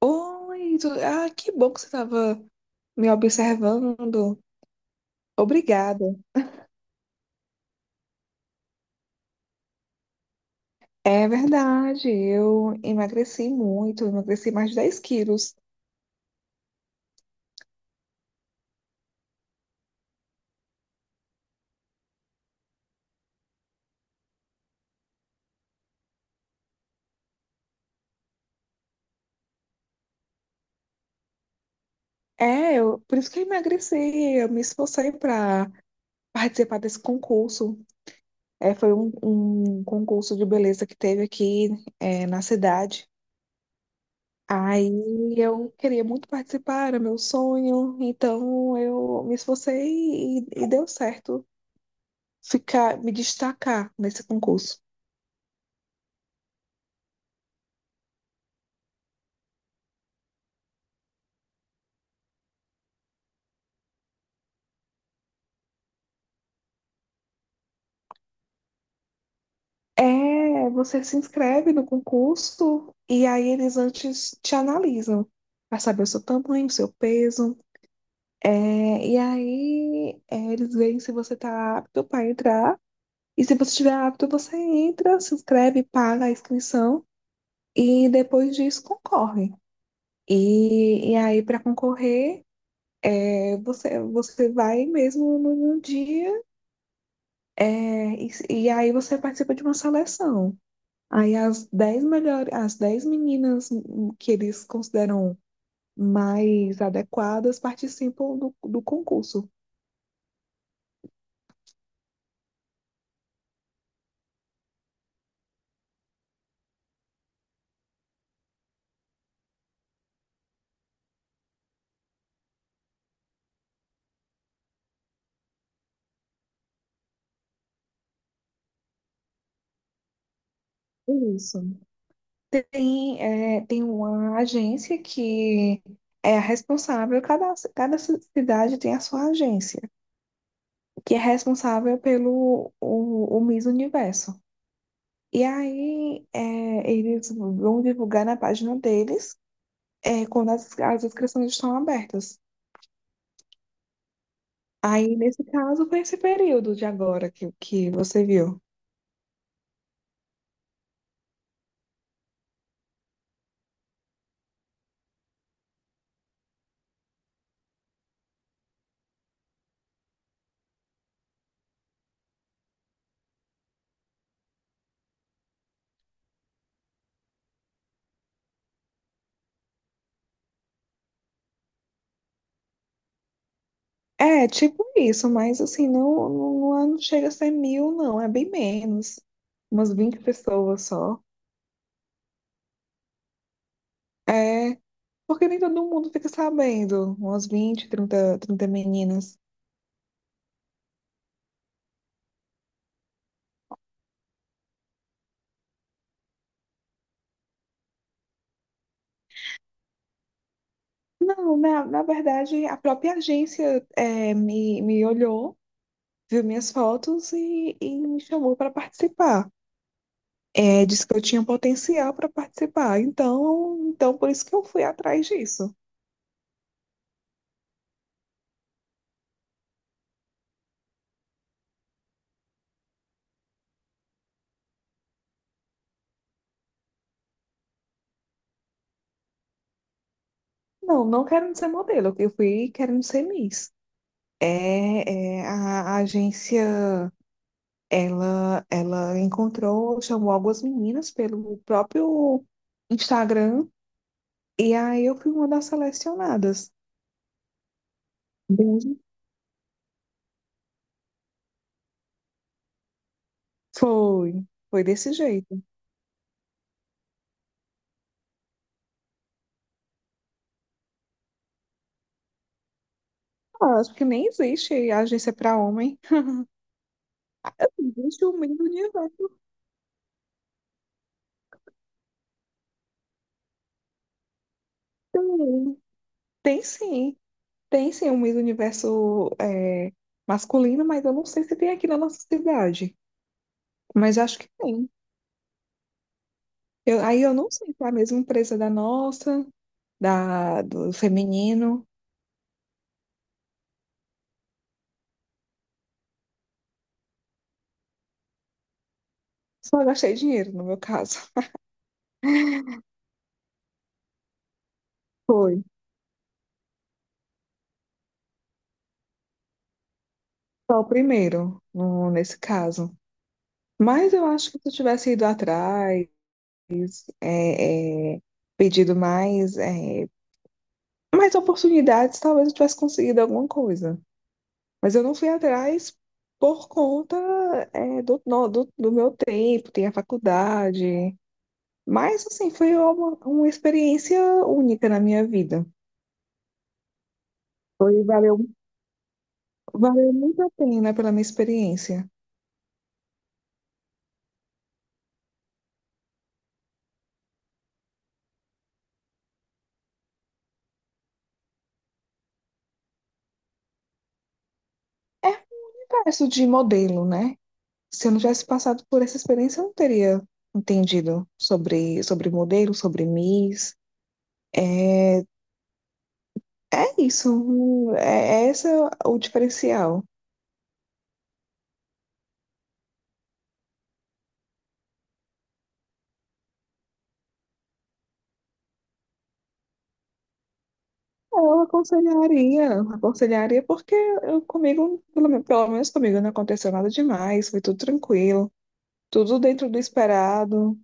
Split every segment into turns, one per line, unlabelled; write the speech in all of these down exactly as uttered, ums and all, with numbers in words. Oi, tu- ah, que bom que você estava me observando. Obrigada. É verdade, eu emagreci muito, emagreci mais de dez quilos. É, eu, por isso que eu emagreci, eu me esforcei para participar desse concurso. É, foi um, um concurso de beleza que teve aqui, é, na cidade. Aí eu queria muito participar, era meu sonho, então eu me esforcei e, e deu certo ficar, me destacar nesse concurso. É, você se inscreve no concurso e aí eles antes te analisam para saber o seu tamanho, o seu peso. É, e aí é, eles veem se você está apto para entrar. E se você estiver apto, você entra, se inscreve, paga a inscrição e depois disso concorre. E, e aí, para concorrer, é, você, você vai mesmo no, no dia é, e, e aí você participa de uma seleção. Aí as dez melhores, as dez meninas que eles consideram mais adequadas participam do, do concurso. Isso. Tem, é, tem uma agência que é a responsável, cada, cada cidade tem a sua agência, que é responsável pelo o, o Miss Universo. E aí é, eles vão divulgar na página deles é, quando as, as inscrições estão abertas. Aí, nesse caso, foi esse período de agora que, que você viu. É, tipo isso, mas assim, não, não, não chega a ser mil, não, é bem menos. Umas vinte pessoas só. É, porque nem todo mundo fica sabendo, umas vinte, trinta, trinta meninas. Não, na, na verdade, a própria agência é, me, me olhou, viu minhas fotos e, e me chamou para participar. É, disse que eu tinha potencial para participar, então, então por isso que eu fui atrás disso. Não, não quero ser modelo. Eu fui querendo ser Miss. É, é, a, a agência, ela, ela encontrou, chamou algumas meninas pelo próprio Instagram e aí eu fui uma das selecionadas. Entendi. Foi, foi desse jeito. Ah, acho que nem existe agência para homem. Existe o Miss Universo. Tem, tem sim, tem sim o Miss Universo é, masculino, mas eu não sei se tem aqui na nossa cidade. Mas acho que tem. Eu, aí eu não sei se é a mesma empresa da nossa, da, do feminino. Só gastei dinheiro, no meu caso. Foi. Só o primeiro, no- nesse caso. Mas eu acho que se eu tivesse ido atrás, é, é, pedido mais, é, mais oportunidades, talvez eu tivesse conseguido alguma coisa. Mas eu não fui atrás por conta, é, do, no- do, do meu tempo, tem a faculdade. Mas, assim, foi uma, uma experiência única na minha vida. Foi, valeu Valeu muito a pena pela minha experiência. É um universo de modelo, né? Se eu não tivesse passado por essa experiência, eu não teria entendido sobre, sobre modelo, sobre Miss. É isso, hum, é, é esse o diferencial. Eu aconselharia, aconselharia porque eu, comigo, pelo, men- pelo menos comigo, não aconteceu nada demais, foi tudo tranquilo, tudo dentro do esperado.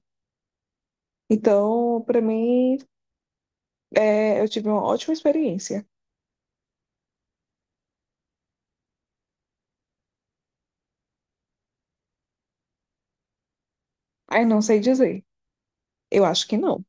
Então, para mim, é, eu tive uma ótima experiência. Aí não sei dizer, eu acho que não.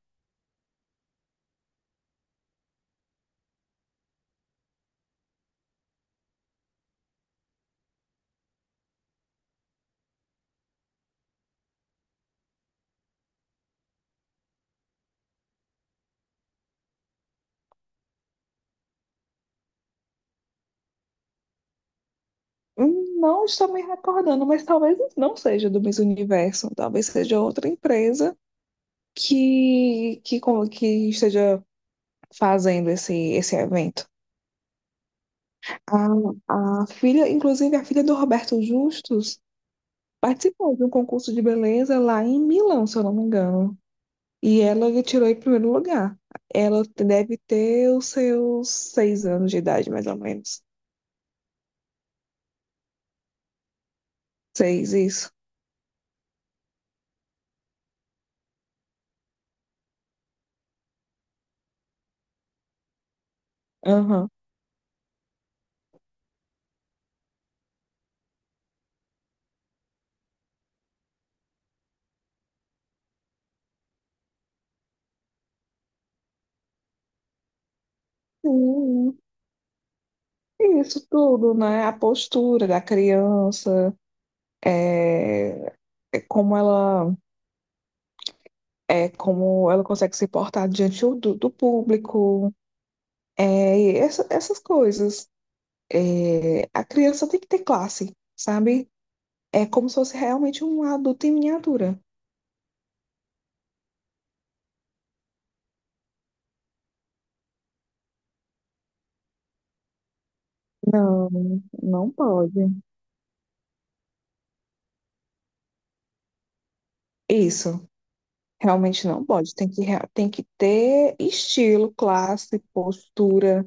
Hum, Não estou me recordando, mas talvez não seja do Miss Universo, talvez seja outra empresa que, que, com- que esteja fazendo esse, esse evento. A, a filha, inclusive a filha do Roberto Justus, participou de um concurso de beleza lá em Milão, se eu não me engano. E ela tirou em primeiro lugar. Ela deve ter os seus seis anos de idade, mais ou menos. Seis, isso. Aham. Isso tudo, né? A postura da criança, é, é como ela é como ela consegue se portar diante do, do público, é, e essa- essas coisas. É, a criança tem que ter classe, sabe? É como se fosse realmente um adulto em miniatura. Não, não pode. Isso, realmente não pode. Tem que, rea- tem que ter estilo, classe, postura.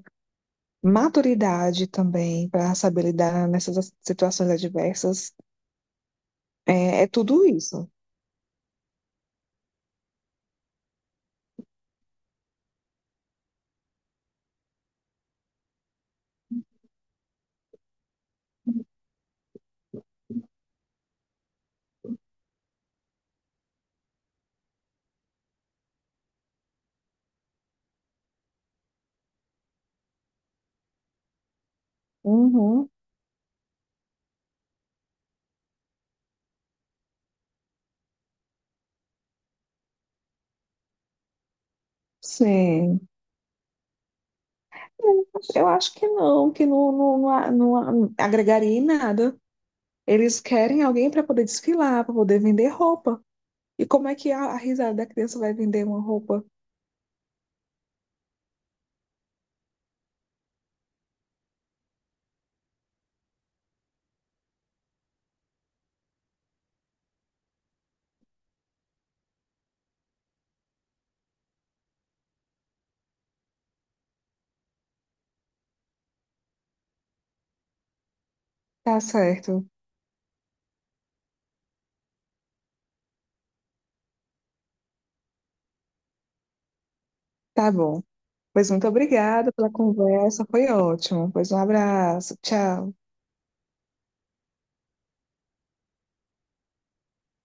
Maturidade também para saber lidar nessas situações adversas. É, é tudo isso. Uhum, sim. Eu acho que não, que não, não, não, não agregaria em nada. Eles querem alguém para poder desfilar, para poder vender roupa. E como é que a, a risada da criança vai vender uma roupa? Tá certo, tá bom. Pois muito obrigada pela conversa, foi ótimo. Pois um abraço, tchau.